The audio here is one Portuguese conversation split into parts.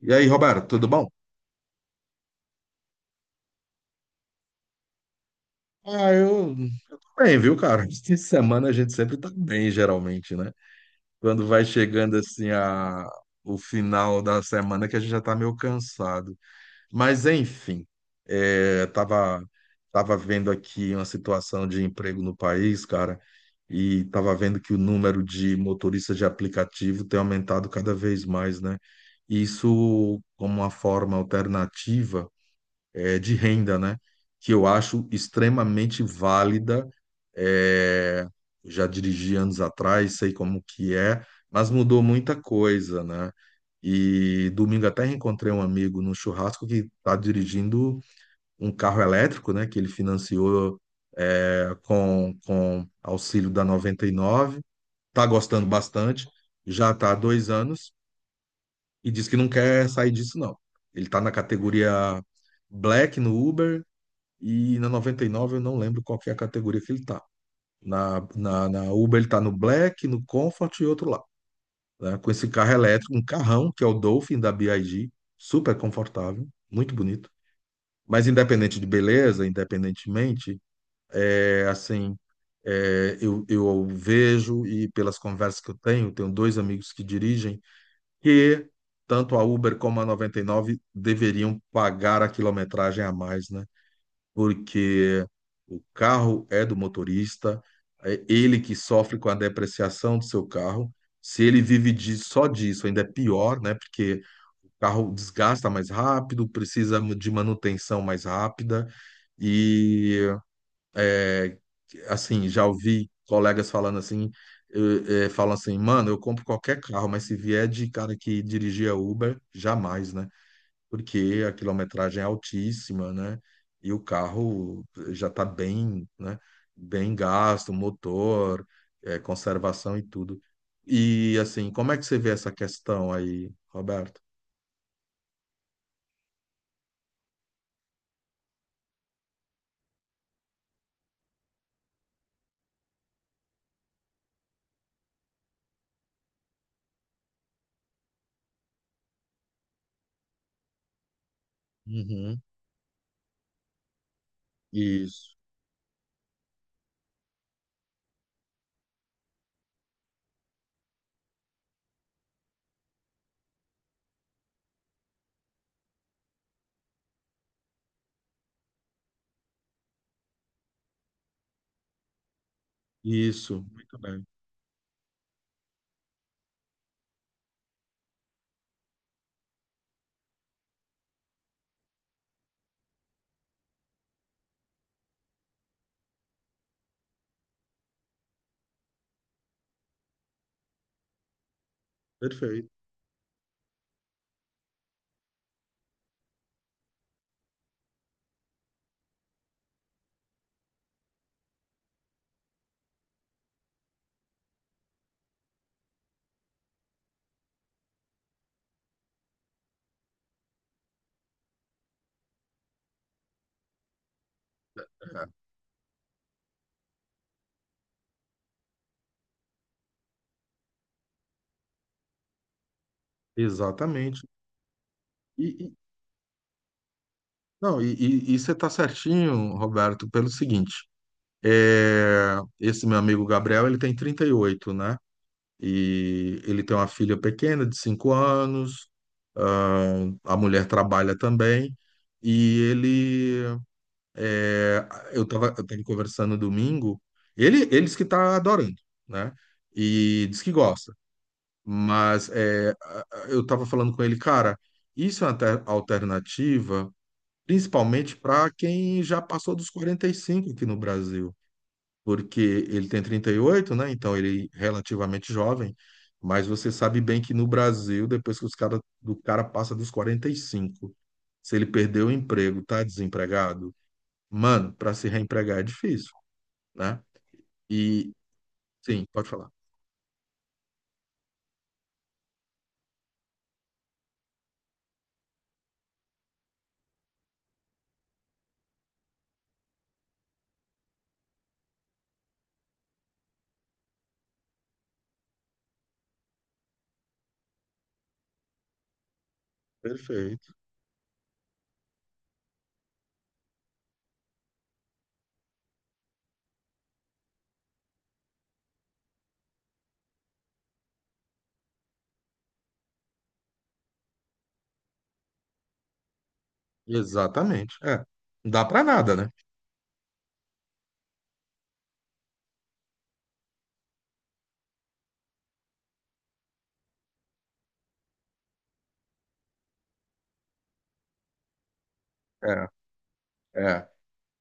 E aí, Roberto, tudo bom? Ah, eu, eu tô bem, viu, cara? Essa semana a gente sempre tá bem, geralmente, né? Quando vai chegando assim o final da semana que a gente já tá meio cansado. Mas enfim, é, tava, tava vendo aqui uma situação de emprego no país, cara, e tava vendo que o número de motoristas de aplicativo tem aumentado cada vez mais, né? Isso como uma forma alternativa de renda, né? Que eu acho extremamente válida. eh, Já dirigi anos atrás, sei como que é, mas mudou muita coisa, né? E domingo até reencontrei um amigo no churrasco que está dirigindo um carro elétrico, né? Que ele financiou com auxílio da 99. Tá gostando bastante, já está há 2 anos e diz que não quer sair disso, não. Ele está na categoria Black no Uber e na 99 eu não lembro qual que é a categoria que ele tá. Na Uber ele tá no Black, no Comfort e outro lá. Né? Com esse carro elétrico, um carrão, que é o Dolphin da BIG, super confortável, muito bonito. Mas independente de beleza, independentemente, é assim, eu vejo e pelas conversas que eu tenho, tenho dois amigos que dirigem, que tanto a Uber como a 99 deveriam pagar a quilometragem a mais, né? Porque o carro é do motorista, é ele que sofre com a depreciação do seu carro. Se ele vive de, só disso, ainda é pior, né? Porque o carro desgasta mais rápido, precisa de manutenção mais rápida. E, é, assim, já ouvi colegas falando assim, falam assim, mano, eu compro qualquer carro, mas se vier de cara que dirigia Uber, jamais, né? Porque a quilometragem é altíssima, né? E o carro já está bem, né? Bem gasto, motor, conservação e tudo. E assim, como é que você vê essa questão aí, Roberto? Uhum. Isso, isso, muito bem, perfeito. É, exatamente. E- não, e você está certinho, Roberto, pelo seguinte. É, esse meu amigo Gabriel, ele tem 38, né? E ele tem uma filha pequena de 5 anos, ah, a mulher trabalha também, e ele, é, eu tava conversando domingo, ele disse que está adorando, né? E diz que gosta, mas é, eu estava falando com ele, cara, isso é uma alternativa, principalmente para quem já passou dos 45 aqui no Brasil, porque ele tem 38, né? Então ele é relativamente jovem, mas você sabe bem que no Brasil, depois que os cara, do cara passa dos 45, se ele perdeu o emprego, tá desempregado, mano, para se reempregar é difícil, né? E sim, pode falar. Perfeito. Exatamente. É. Não dá para nada, né? É, é,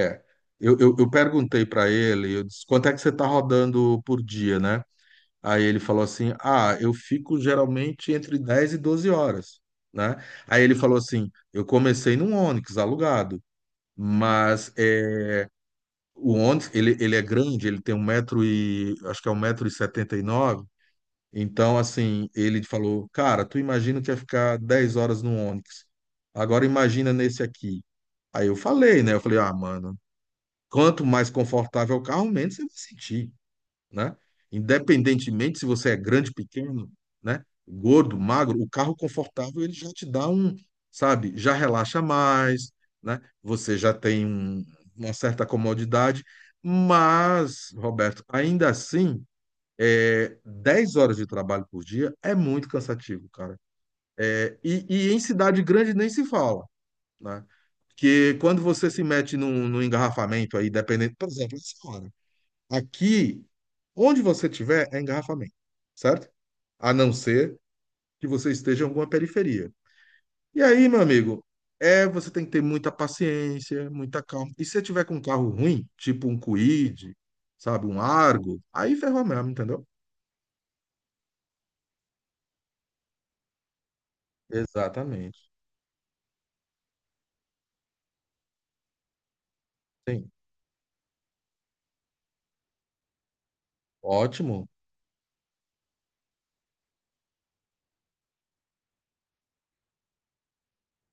é. Eu perguntei para ele, eu disse, quanto é que você tá rodando por dia, né? Aí ele falou assim: ah, eu fico geralmente entre 10 e 12 horas, né? Aí ele falou assim: eu comecei num Onix alugado, mas é, o Onix ele é grande, ele tem um metro e acho que é 1,79 m. Então, assim, ele falou: cara, tu imagina que ia ficar 10 horas no Onix. Agora imagina nesse aqui. Aí eu falei, né? Eu falei: ah, mano, quanto mais confortável o carro, menos você vai sentir, né? Independentemente se você é grande, pequeno, né? Gordo, magro, o carro confortável ele já te dá um, sabe? Já relaxa mais, né? Você já tem uma certa comodidade, mas, Roberto, ainda assim, é, 10 horas de trabalho por dia é muito cansativo, cara. É, e em cidade grande nem se fala, né? Porque quando você se mete num engarrafamento aí, dependendo, por exemplo, essa hora. Aqui, onde você tiver, é engarrafamento, certo? A não ser que você esteja em alguma periferia. E aí, meu amigo, é, você tem que ter muita paciência, muita calma. E se você tiver com um carro ruim, tipo um Kwid, sabe, um Argo, aí ferrou mesmo, entendeu? Exatamente. Sim. Ótimo.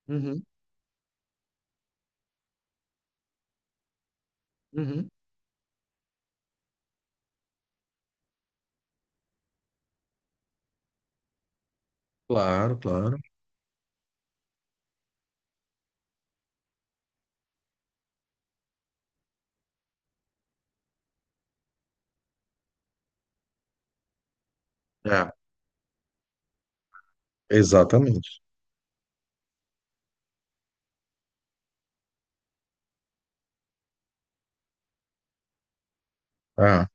Uhum, uhum. Claro. É, exatamente. É.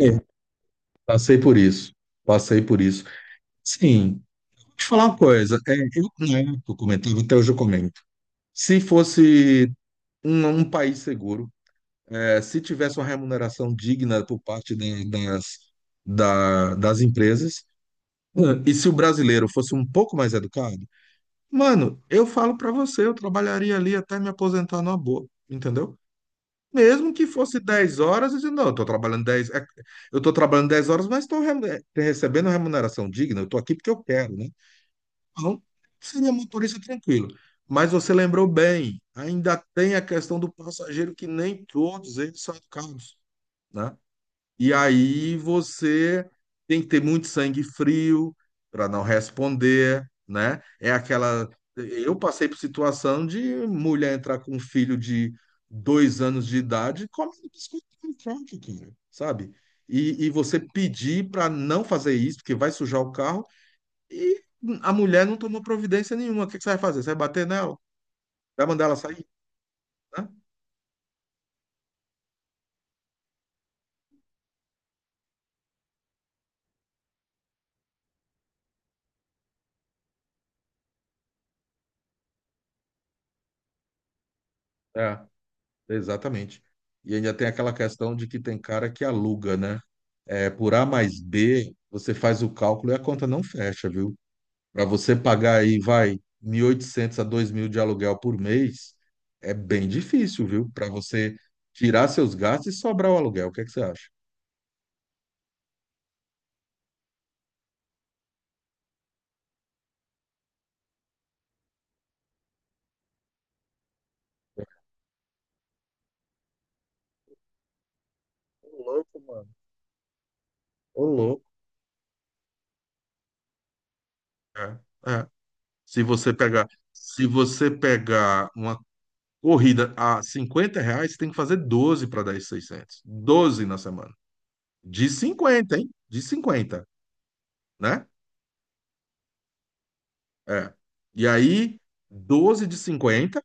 É, passei por isso. Passei por isso. Sim, deixa eu falar uma coisa. É, eu comentava, até hoje eu comento. Se fosse um país seguro, é, se tivesse uma remuneração digna por parte das, das empresas, e se o brasileiro fosse um pouco mais educado, mano, eu falo pra você, eu trabalharia ali até me aposentar numa boa, entendeu? Mesmo que fosse 10 horas, eu digo, não, eu tô eu tô trabalhando 10 horas, mas estou recebendo remuneração digna, eu tô aqui porque eu quero, né? Não, seria motorista tranquilo. Mas você lembrou bem, ainda tem a questão do passageiro que nem todos eles são educados, né? E aí você tem que ter muito sangue frio para não responder, né? É aquela. Eu passei por situação de mulher entrar com um filho de 2 anos de idade comendo biscoito com troca, cara, sabe? E você pedir para não fazer isso, porque vai sujar o carro e a mulher não tomou providência nenhuma. O que que você vai fazer? Você vai bater nela? Vai mandar ela sair? Né? É, exatamente. E ainda tem aquela questão de que tem cara que aluga, né? É, por A mais B, você faz o cálculo e a conta não fecha, viu? Para você pagar aí, vai, 1.800 a 2.000 de aluguel por mês, é bem difícil, viu? Para você tirar seus gastos e sobrar o aluguel. O que é que você acha? Ô louco, mano. Ô louco. É, é. Se você pegar, se você pegar uma corrida a R$ 50, você tem que fazer 12 para dar esses 600. 12 na semana. De 50 hein? De 50, né? É. E aí, 12 de 50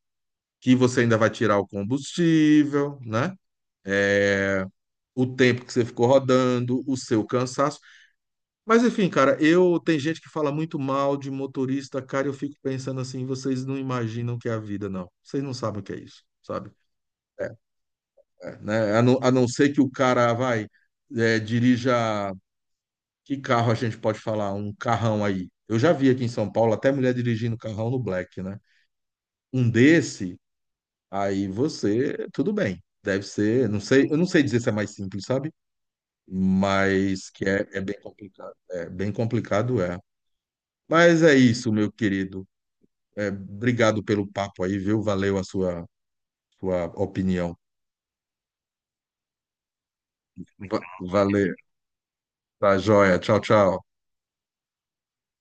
que você ainda vai tirar o combustível, né? É, o tempo que você ficou rodando, o seu cansaço. Mas enfim, cara, eu tem gente que fala muito mal de motorista, cara, eu fico pensando assim, vocês não imaginam o que é a vida, não. Vocês não sabem o que é isso, sabe? É, né? A não ser que o cara vai, é, dirija. Que carro a gente pode falar? Um carrão aí. Eu já vi aqui em São Paulo até mulher dirigindo carrão no Black, né? Um desse, aí você, tudo bem. Deve ser, não sei, eu não sei dizer se é mais simples, sabe? Mas que é, é bem complicado. É bem complicado, é. Mas é isso, meu querido. É, obrigado pelo papo aí, viu? Valeu a sua, sua opinião. Va- Valeu. Tá joia. Tchau, tchau.